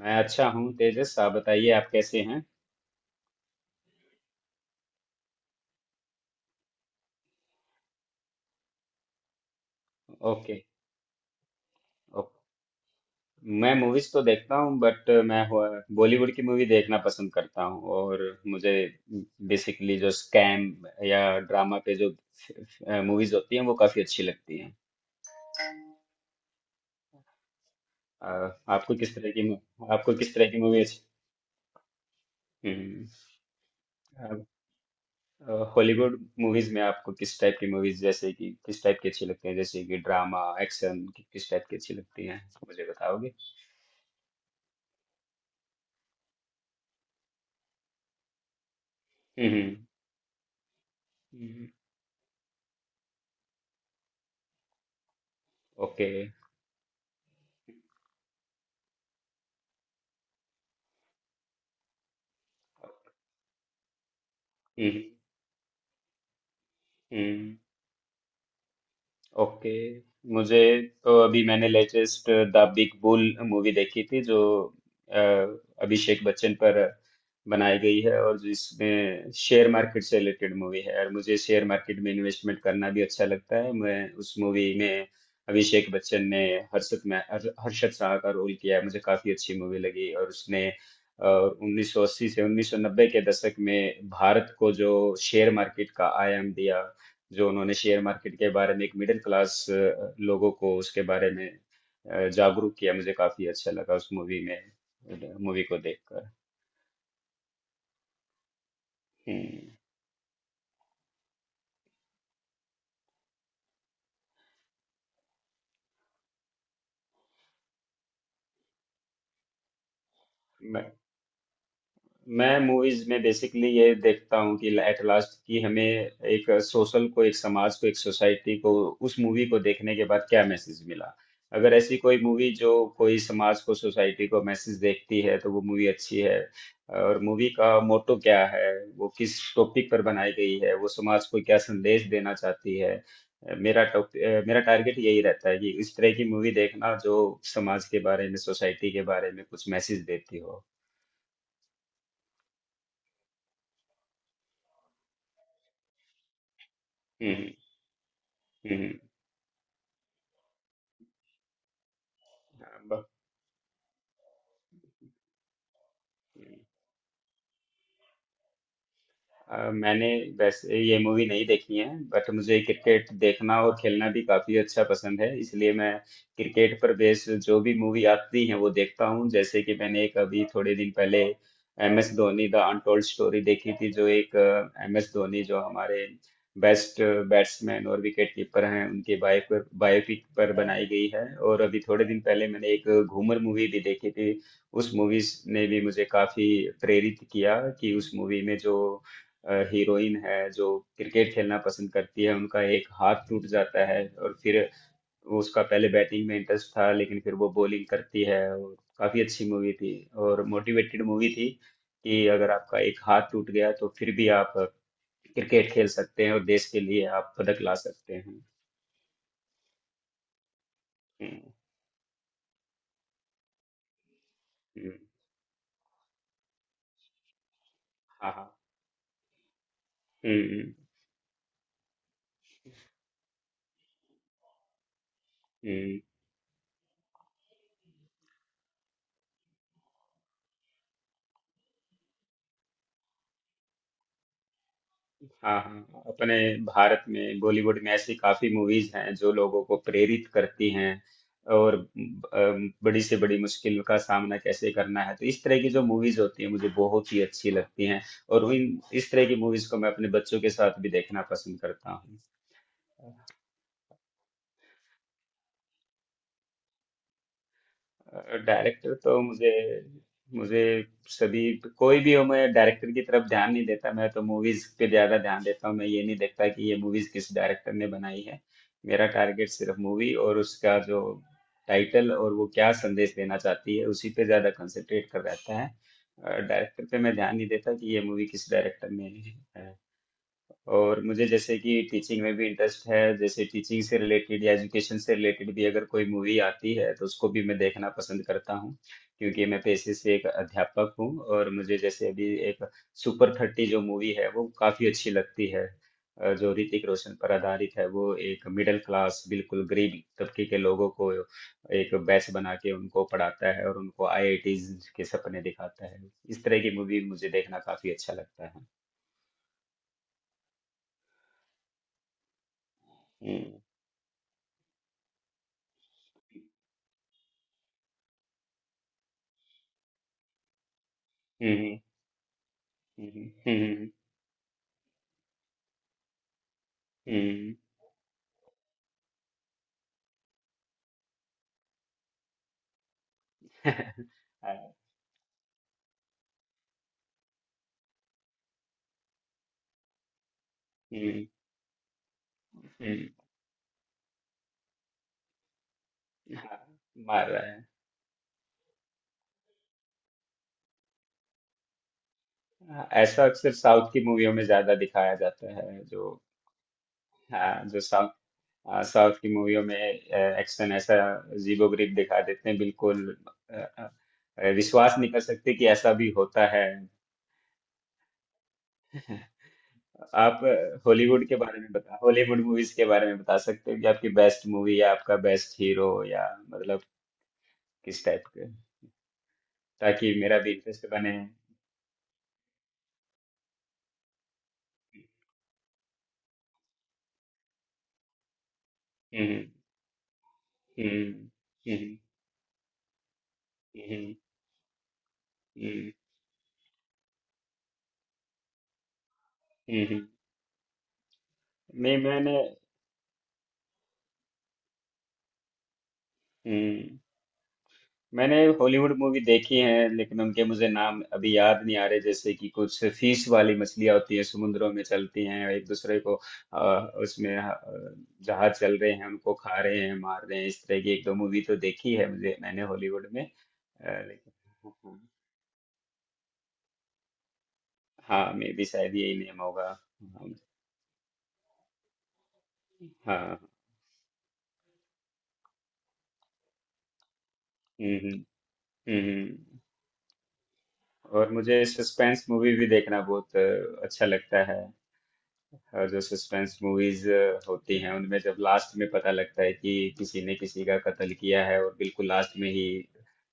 मैं अच्छा हूँ, तेजस। आप बताइए, आप कैसे हैं? ओके। ओके। मैं मूवीज तो देखता हूँ बट मैं बॉलीवुड की मूवी देखना पसंद करता हूँ और मुझे बेसिकली जो स्कैम या ड्रामा पे जो मूवीज होती हैं वो काफी अच्छी लगती हैं। अ, आपको किस तरह की आपको किस तरह की मूवी अच्छी? हम्म, आप हॉलीवुड मूवीज में आपको किस टाइप की मूवीज, जैसे कि किस टाइप की अच्छी लगती हैं, जैसे कि ड्रामा, एक्शन, किस टाइप की अच्छी लगती हैं? मुझे बताओगे? हम्म। हम्म। ओके। हम्म। हम्म। ओके। मुझे तो अभी मैंने latest the big bull movie देखी थी, जो अ, अभिषेक बच्चन पर बनाई गई है और जिसमें शेयर मार्केट से रिलेटेड मूवी है, और मुझे शेयर मार्केट में इन्वेस्टमेंट करना भी अच्छा लगता है। मैं उस मूवी में अभिषेक बच्चन ने हर्षद शाह का रोल किया है। मुझे काफी अच्छी मूवी लगी, और उसने और 1980 से 1990 के दशक में भारत को जो शेयर मार्केट का आयाम दिया, जो उन्होंने शेयर मार्केट के बारे में एक मिडिल क्लास लोगों को उसके बारे में जागरूक किया, मुझे काफी अच्छा लगा उस मूवी में, मूवी को देखकर। हम्म। मैं मूवीज में बेसिकली ये देखता हूँ कि एट लास्ट कि हमें एक सोशल को, एक समाज को, एक सोसाइटी को उस मूवी को देखने के बाद क्या मैसेज मिला। अगर ऐसी कोई मूवी जो कोई समाज को, सोसाइटी को मैसेज देखती है, तो वो मूवी अच्छी है, और मूवी का मोटो क्या है, वो किस टॉपिक पर बनाई गई है, वो समाज को क्या संदेश देना चाहती है। मेरा टारगेट यही रहता है कि इस तरह की मूवी देखना, जो समाज के बारे में, सोसाइटी के बारे में कुछ मैसेज देती हो। हम्म। हम्म। हम्म। Caramba। मैंने वैसे ये मूवी नहीं देखी है बट मुझे क्रिकेट देखना और खेलना भी काफी अच्छा पसंद है, इसलिए मैं क्रिकेट पर बेस्ड जो भी मूवी आती है वो देखता हूँ। जैसे कि मैंने एक अभी थोड़े दिन पहले M S Dhoni the untold story देखी थी, जो एक एम एस धोनी, जो हमारे बेस्ट बैट्समैन और विकेट कीपर हैं, उनके बायो पर, बायोपिक पर बनाई गई है। और अभी थोड़े दिन पहले मैंने एक घूमर मूवी भी देखी थी। उस मूवी ने भी मुझे काफी प्रेरित किया कि उस मूवी में जो हीरोइन है, जो क्रिकेट खेलना पसंद करती है, उनका एक हाथ टूट जाता है, और फिर वो, उसका पहले बैटिंग में इंटरेस्ट था लेकिन फिर वो बॉलिंग करती है, और काफी अच्छी मूवी थी और मोटिवेटेड मूवी थी कि अगर आपका एक हाथ टूट गया तो फिर भी आप क्रिकेट खेल सकते हैं और देश के लिए आप पदक ला सकते हैं। हम्म। हम्म। हाँ, हाँ। हम्म। हम्म। हम्म। हाँ, हाँ, अपने भारत में, बॉलीवुड में ऐसी काफी मूवीज हैं जो लोगों को प्रेरित करती हैं, और बड़ी से बड़ी मुश्किल का सामना कैसे करना है, तो इस तरह की जो मूवीज होती है मुझे बहुत ही अच्छी लगती हैं, और इन इस तरह की मूवीज को मैं अपने बच्चों के साथ भी देखना पसंद करता हूँ। डायरेक्टर तो मुझे, मुझे सभी, कोई भी हो, मैं डायरेक्टर की तरफ ध्यान नहीं देता, मैं तो मूवीज पे ज्यादा ध्यान देता हूँ। मैं ये नहीं देखता कि ये मूवीज किस डायरेक्टर ने बनाई है। मेरा टारगेट सिर्फ मूवी और उसका जो टाइटल और वो क्या संदेश देना चाहती है उसी पे ज्यादा कंसंट्रेट कर रहता है। डायरेक्टर पे मैं ध्यान नहीं देता कि ये मूवी किस डायरेक्टर ने है। और मुझे जैसे कि टीचिंग में भी इंटरेस्ट है, जैसे टीचिंग से रिलेटेड या एजुकेशन से रिलेटेड भी अगर कोई मूवी आती है तो उसको भी मैं देखना पसंद करता हूँ, क्योंकि मैं पेशे से एक अध्यापक हूँ। और मुझे जैसे अभी एक सुपर थर्टी जो मूवी है वो काफ़ी अच्छी लगती है, जो ऋतिक रोशन पर आधारित है, वो एक मिडिल क्लास, बिल्कुल गरीब तबके के लोगों को एक बैच बना के उनको पढ़ाता है और उनको आईआईटीज के सपने दिखाता है। इस तरह की मूवी मुझे देखना काफ़ी अच्छा लगता है। हम्म। हम्म। हम्म। हम्म। हम्म। हाँ। हम्म। हम्म। हाँ। मार रहा है। हाँ, ऐसा अक्सर साउथ की मूवियों में ज्यादा दिखाया जाता है, जो। हाँ जो साउथ हाँ, साउथ की मूवियों में एक्शन ऐसा जीबो ग्रिप दिखा देते हैं बिल्कुल। अ, विश्वास नहीं कर सकते कि ऐसा भी होता है। आप हॉलीवुड के बारे में बता हॉलीवुड मूवीज के बारे में बता सकते हो कि आपकी बेस्ट मूवी या आपका बेस्ट हीरो या मतलब किस टाइप के, ताकि मेरा भी इंटरेस्ट बने। हम्म। हम्म। हम्म। हम्म। हम्म। हम्म। हम्म। नहीं, मैंने हम्म, मैंने हॉलीवुड मूवी देखी है लेकिन उनके मुझे नाम अभी याद नहीं आ रहे। जैसे कि कुछ फीस वाली मछलियां होती हैं, समुद्रों में चलती हैं, एक दूसरे को आ, उसमें जहाज चल रहे हैं, उनको खा रहे हैं, मार रहे हैं। इस तरह की एक दो मूवी तो देखी है मुझे, मैंने हॉलीवुड में। लेकिन हाँ, मे भी शायद यही नेम होगा। हाँ। हाँ। हम्म। हम्म। हम्म। और मुझे सस्पेंस मूवी भी देखना बहुत अच्छा लगता है। और जो सस्पेंस मूवीज होती हैं, उनमें जब लास्ट में पता लगता है कि किसी ने किसी का कत्ल किया है और बिल्कुल लास्ट में ही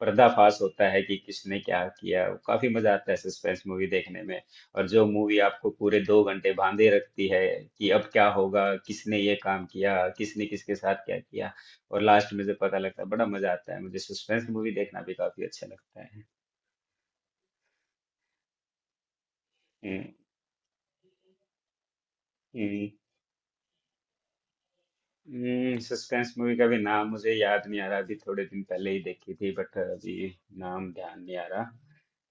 पर्दाफाश होता है कि किसने क्या किया, वो काफी मजा आता है सस्पेंस मूवी देखने में। और जो मूवी आपको पूरे 2 घंटे बांधे रखती है कि अब क्या होगा, किसने ये काम किया, किसने किसके साथ क्या किया, और लास्ट में जब पता लगता है, बड़ा मजा आता है। मुझे सस्पेंस मूवी देखना भी काफी अच्छा लगता है। हम्म। हम्म। सस्पेंस मूवी का भी नाम मुझे याद नहीं आ रहा। अभी थोड़े दिन पहले ही देखी थी बट अभी नाम ध्यान नहीं आ रहा।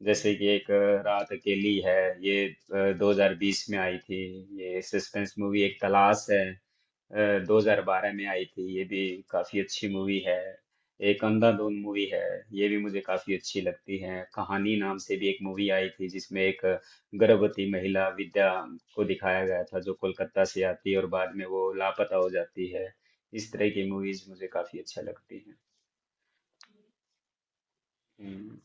जैसे कि एक रात अकेली है, ये 2020 में आई थी। ये सस्पेंस मूवी। एक तलाश है, अ, 2012 में आई थी, ये भी काफी अच्छी मूवी है। एक अंधाधुन मूवी है, ये भी मुझे काफी अच्छी लगती है। कहानी नाम से भी एक मूवी आई थी, जिसमें एक गर्भवती महिला विद्या को दिखाया गया था, जो कोलकाता से आती है और बाद में वो लापता हो जाती है। इस तरह की मूवीज मुझे काफी अच्छा लगती है। हम्म।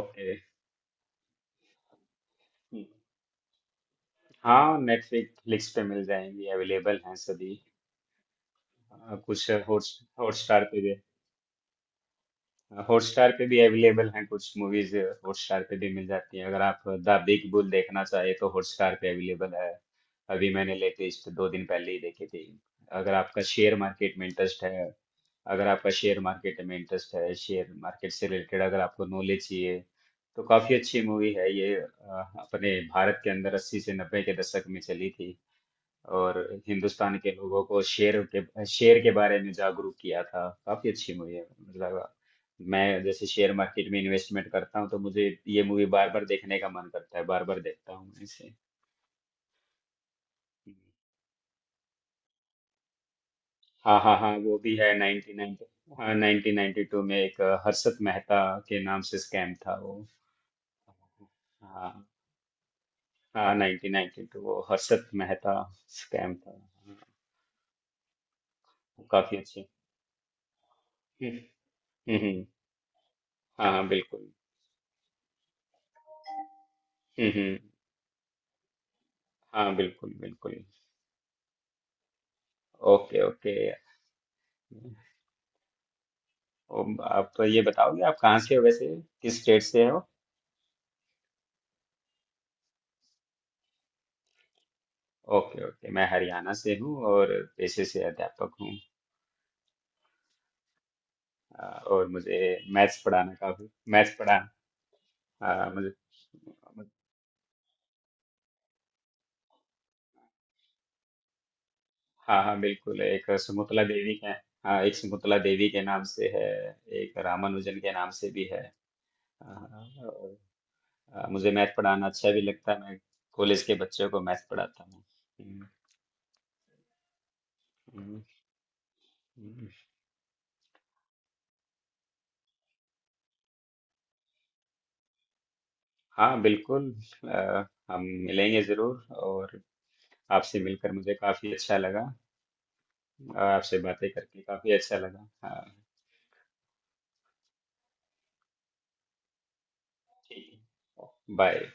ओके। हम्म। हाँ, नेटफ्लिक्स पे मिल जाएंगी, अवेलेबल हैं सभी। अ, कुछ हॉट हॉटस्टार पे, हॉटस्टार पे भी अवेलेबल हैं कुछ मूवीज। हॉटस्टार पे भी मिल जाती हैं। अगर आप द बिग बुल देखना चाहे तो हॉटस्टार पे अवेलेबल है। अभी मैंने लेटेस्ट दो दिन पहले ही देखी थी। अगर आपका शेयर मार्केट में इंटरेस्ट है, अगर आपका शेयर मार्केट में इंटरेस्ट है, शेयर मार्केट से रिलेटेड अगर आपको नॉलेज चाहिए, तो काफी अच्छी मूवी है ये। अपने भारत के अंदर 80 से 90 के दशक में चली थी, और हिंदुस्तान के लोगों को शेर के बारे में जागरूक किया था। काफी अच्छी मूवी है, मतलब मैं जैसे शेयर मार्केट में इन्वेस्टमेंट करता हूँ तो मुझे ये मूवी बार बार देखने का मन करता है, बार बार देखता हूँ मैं इसे। हाँ, हाँ, हाँ, वो भी है 1990। हाँ, 1992 में एक हर्षद मेहता के नाम से स्कैम था वो। हाँ। हाँ, 1992, वो हर्षद मेहता स्कैम था। हाँ, काफी अच्छे। हम्म। हम्म। हाँ, हाँ, बिल्कुल। हम्म। हम्म। हाँ, बिल्कुल, बिल्कुल। ओके। ओके। आप तो ये बताओगे, आप कहाँ से हो वैसे, किस स्टेट से हो? ओके। ओके। मैं हरियाणा से हूँ और पेशे से अध्यापक हूँ। और मुझे मैथ्स पढ़ाना काफी, मैथ्स पढ़ाना। हाँ, मुझे। हाँ, हाँ, बिल्कुल, एक सुमुतला देवी के। हाँ, एक सुमुतला देवी के नाम से है। एक रामानुजन के नाम से भी है। हाँ, और मुझे मैथ पढ़ाना अच्छा भी लगता है। मैं कॉलेज के बच्चों को मैथ पढ़ाता हूँ। हम्म। हम्म। हम्म। हाँ, बिल्कुल। अ, हम मिलेंगे ज़रूर और आपसे मिलकर मुझे काफ़ी अच्छा लगा। आपसे बातें करके काफ़ी अच्छा लगा। हाँ। ठीक है। बाय।